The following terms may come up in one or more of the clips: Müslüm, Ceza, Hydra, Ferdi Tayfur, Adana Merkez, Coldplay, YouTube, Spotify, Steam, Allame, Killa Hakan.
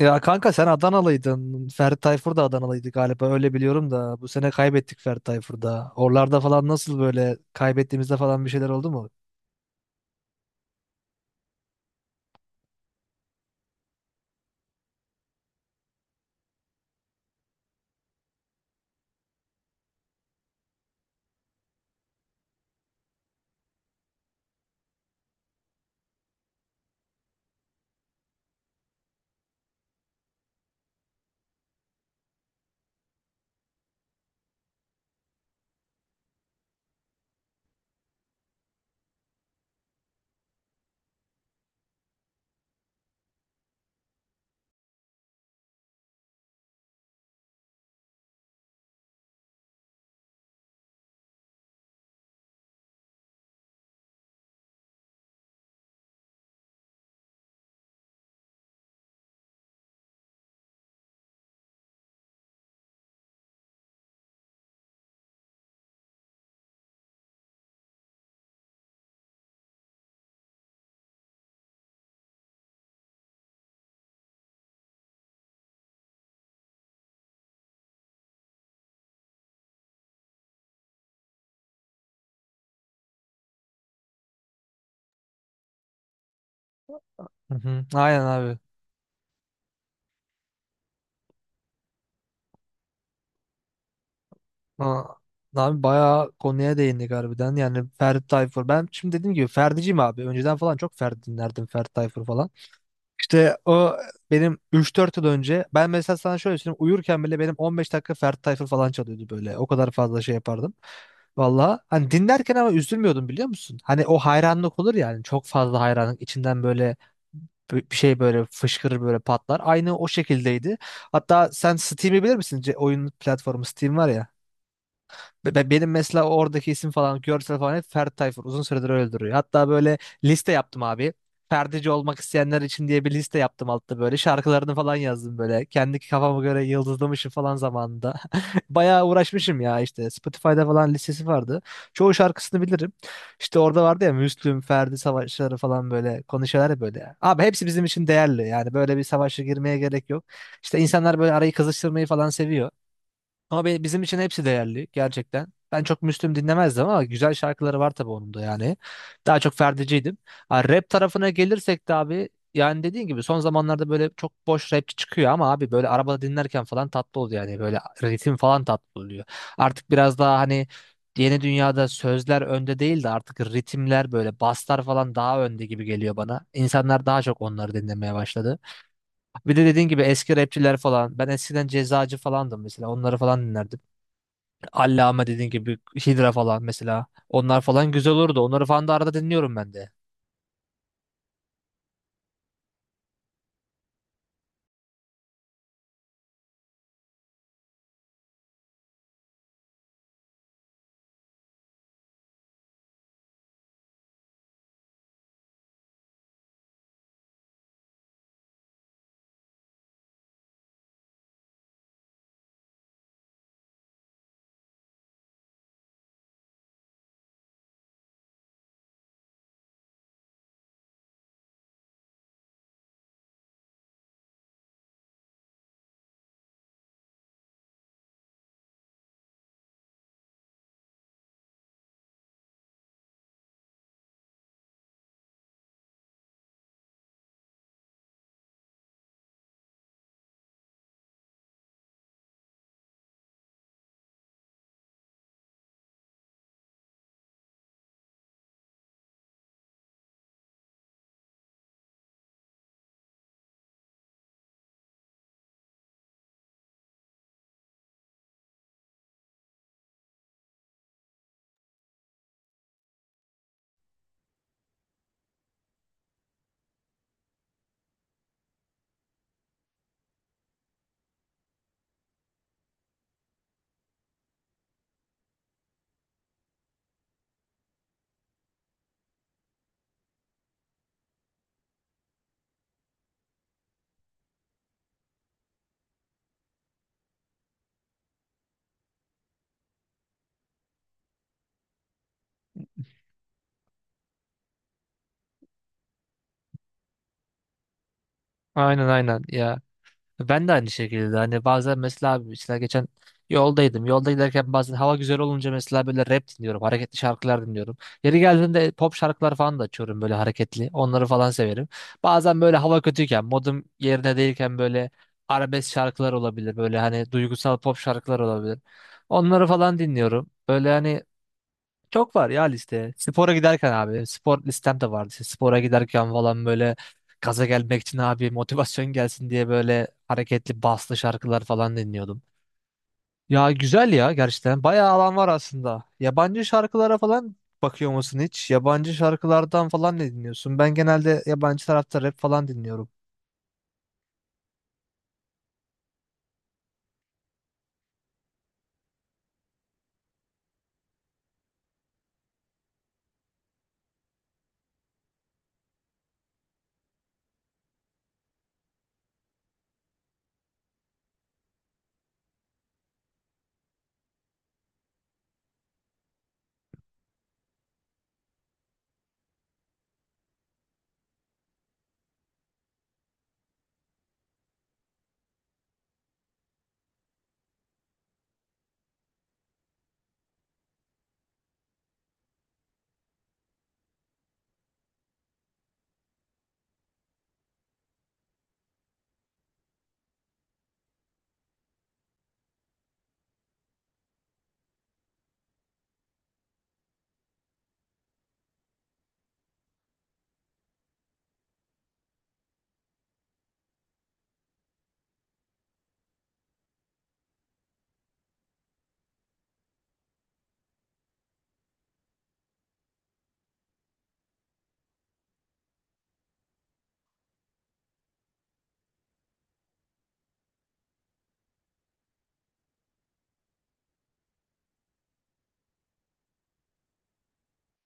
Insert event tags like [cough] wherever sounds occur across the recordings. Ya kanka sen Adanalıydın. Ferdi Tayfur da Adanalıydı galiba. Öyle biliyorum da. Bu sene kaybettik Ferdi Tayfur'da. Oralarda falan nasıl böyle kaybettiğimizde falan bir şeyler oldu mu? Hı hı. Aynen abi. Aa, abi bayağı konuya değindik harbiden. Yani Ferdi Tayfur. Ben şimdi dediğim gibi Ferdi'ciyim abi. Önceden falan çok Ferdi dinlerdim. Ferdi Tayfur falan. İşte o benim 3-4 yıl önce ben mesela sana şöyle söyleyeyim uyurken bile benim 15 dakika Ferdi Tayfur falan çalıyordu böyle. O kadar fazla şey yapardım. Valla hani dinlerken ama üzülmüyordum biliyor musun? Hani o hayranlık olur ya hani çok fazla hayranlık içinden böyle bir şey böyle fışkırır böyle patlar. Aynı o şekildeydi. Hatta sen Steam'i bilir misin? Oyun platformu Steam var ya. Benim mesela oradaki isim falan görsel falan hep Ferdi Tayfur. Uzun süredir öyle duruyor. Hatta böyle liste yaptım abi. Ferdici olmak isteyenler için diye bir liste yaptım altta böyle. Şarkılarını falan yazdım böyle. Kendi kafama göre yıldızlamışım falan zamanında. [laughs] Bayağı uğraşmışım ya işte. Spotify'da falan listesi vardı. Çoğu şarkısını bilirim. İşte orada vardı ya Müslüm, Ferdi savaşları falan böyle konuşuyorlar ya böyle. Abi hepsi bizim için değerli. Yani böyle bir savaşa girmeye gerek yok. İşte insanlar böyle arayı kızıştırmayı falan seviyor. Ama bizim için hepsi değerli gerçekten. Ben çok Müslüm dinlemezdim ama güzel şarkıları var tabii onun da yani. Daha çok Ferdi'ciydim. Ha, rap tarafına gelirsek de abi yani dediğin gibi son zamanlarda böyle çok boş rapçi çıkıyor ama abi böyle arabada dinlerken falan tatlı oluyor yani böyle ritim falan tatlı oluyor. Artık biraz daha hani yeni dünyada sözler önde değil de artık ritimler böyle baslar falan daha önde gibi geliyor bana. İnsanlar daha çok onları dinlemeye başladı. Bir de dediğin gibi eski rapçiler falan. Ben eskiden Cezacı falandım mesela. Onları falan dinlerdim. Allame dediğin gibi Hydra falan mesela. Onlar falan güzel olurdu. Onları falan da arada dinliyorum ben de. Aynen aynen ya. Ben de aynı şekilde hani bazen mesela abi mesela geçen yoldaydım. Yolda giderken bazen hava güzel olunca mesela böyle rap dinliyorum. Hareketli şarkılar dinliyorum. Yeri geldiğinde pop şarkılar falan da açıyorum böyle hareketli. Onları falan severim. Bazen böyle hava kötüyken modum yerine değilken böyle arabesk şarkılar olabilir. Böyle hani duygusal pop şarkılar olabilir. Onları falan dinliyorum. Böyle hani çok var ya liste. Spora giderken abi. Spor listem de vardı. İşte spora giderken falan böyle gaza gelmek için abi motivasyon gelsin diye böyle hareketli baslı şarkılar falan dinliyordum. Ya güzel ya gerçekten. Bayağı alan var aslında. Yabancı şarkılara falan bakıyor musun hiç? Yabancı şarkılardan falan ne dinliyorsun? Ben genelde yabancı tarafta rap falan dinliyorum.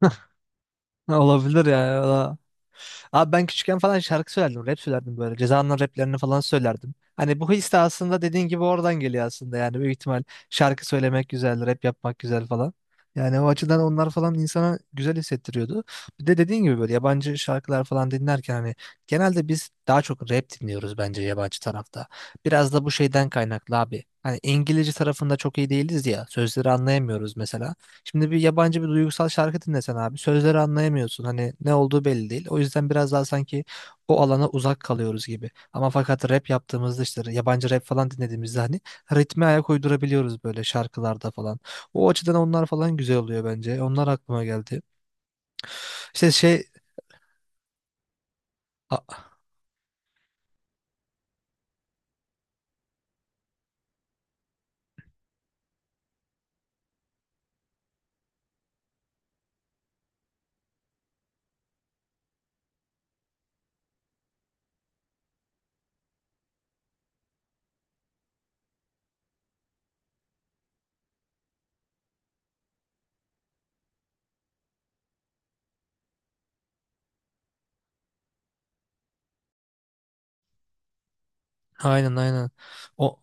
[laughs] Ha, olabilir ya. Ya. Abi ben küçükken falan şarkı söylerdim, rap söylerdim böyle. Ceza'nın raplerini falan söylerdim. Hani bu his de aslında dediğin gibi oradan geliyor aslında. Yani büyük ihtimal şarkı söylemek güzel, rap yapmak güzel falan. Yani o açıdan onlar falan insana güzel hissettiriyordu. Bir de dediğin gibi böyle yabancı şarkılar falan dinlerken hani genelde biz daha çok rap dinliyoruz bence yabancı tarafta. Biraz da bu şeyden kaynaklı abi. Hani İngilizce tarafında çok iyi değiliz ya. Sözleri anlayamıyoruz mesela. Şimdi bir yabancı bir duygusal şarkı dinlesen abi sözleri anlayamıyorsun. Hani ne olduğu belli değil. O yüzden biraz daha sanki o alana uzak kalıyoruz gibi. Ama fakat rap yaptığımızda işte yabancı rap falan dinlediğimizde hani ritme ayak uydurabiliyoruz böyle şarkılarda falan. O açıdan onlar falan güzel oluyor bence. Onlar aklıma geldi. İşte şey a- aynen aynen. O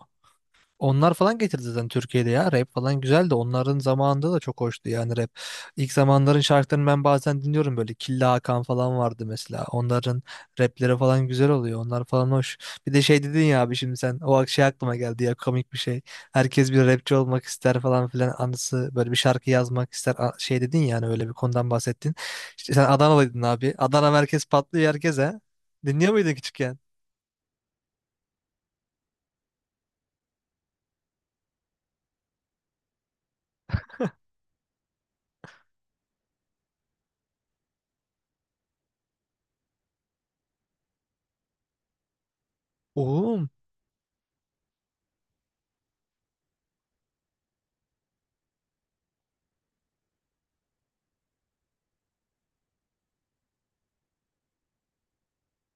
onlar falan getirdi zaten Türkiye'de ya rap falan güzel de onların zamanında da çok hoştu yani rap. İlk zamanların şarkılarını ben bazen dinliyorum böyle Killa Hakan falan vardı mesela. Onların rapleri falan güzel oluyor. Onlar falan hoş. Bir de şey dedin ya abi şimdi sen o şey aklıma geldi ya komik bir şey. Herkes bir rapçi olmak ister falan filan anısı böyle bir şarkı yazmak ister şey dedin yani öyle bir konudan bahsettin. İşte sen Adanalıydın abi. Adana merkez patlıyor herkese. Dinliyor muydun küçükken? Oğlum,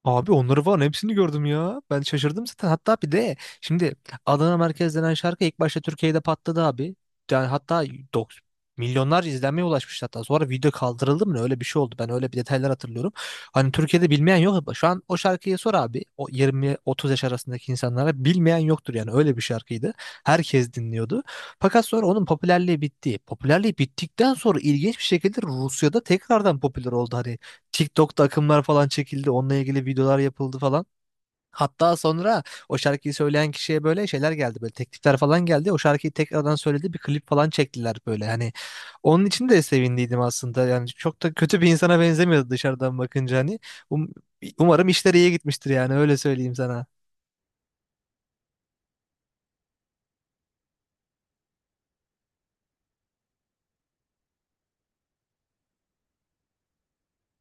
abi onları falan hepsini gördüm ya. Ben şaşırdım zaten. Hatta bir de şimdi Adana Merkez denen şarkı ilk başta Türkiye'de patladı abi. Yani hatta milyonlarca izlenmeye ulaşmış hatta. Sonra video kaldırıldı mı ne? Öyle bir şey oldu. Ben öyle bir detaylar hatırlıyorum. Hani Türkiye'de bilmeyen yok. Şu an o şarkıyı sor abi. O 20-30 yaş arasındaki insanlara bilmeyen yoktur yani. Öyle bir şarkıydı. Herkes dinliyordu. Fakat sonra onun popülerliği bitti. Popülerliği bittikten sonra ilginç bir şekilde Rusya'da tekrardan popüler oldu. Hani TikTok'ta akımlar falan çekildi. Onunla ilgili videolar yapıldı falan. Hatta sonra o şarkıyı söyleyen kişiye böyle şeyler geldi böyle teklifler falan geldi. O şarkıyı tekrardan söyledi bir klip falan çektiler böyle. Hani onun için de sevindiydim aslında. Yani çok da kötü bir insana benzemiyordu dışarıdan bakınca hani. Um- Umarım işleri iyi gitmiştir yani öyle söyleyeyim sana.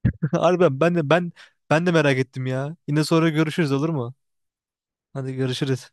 [laughs] Harbiden ben de ben de merak ettim ya. Yine sonra görüşürüz olur mu? Hadi görüşürüz.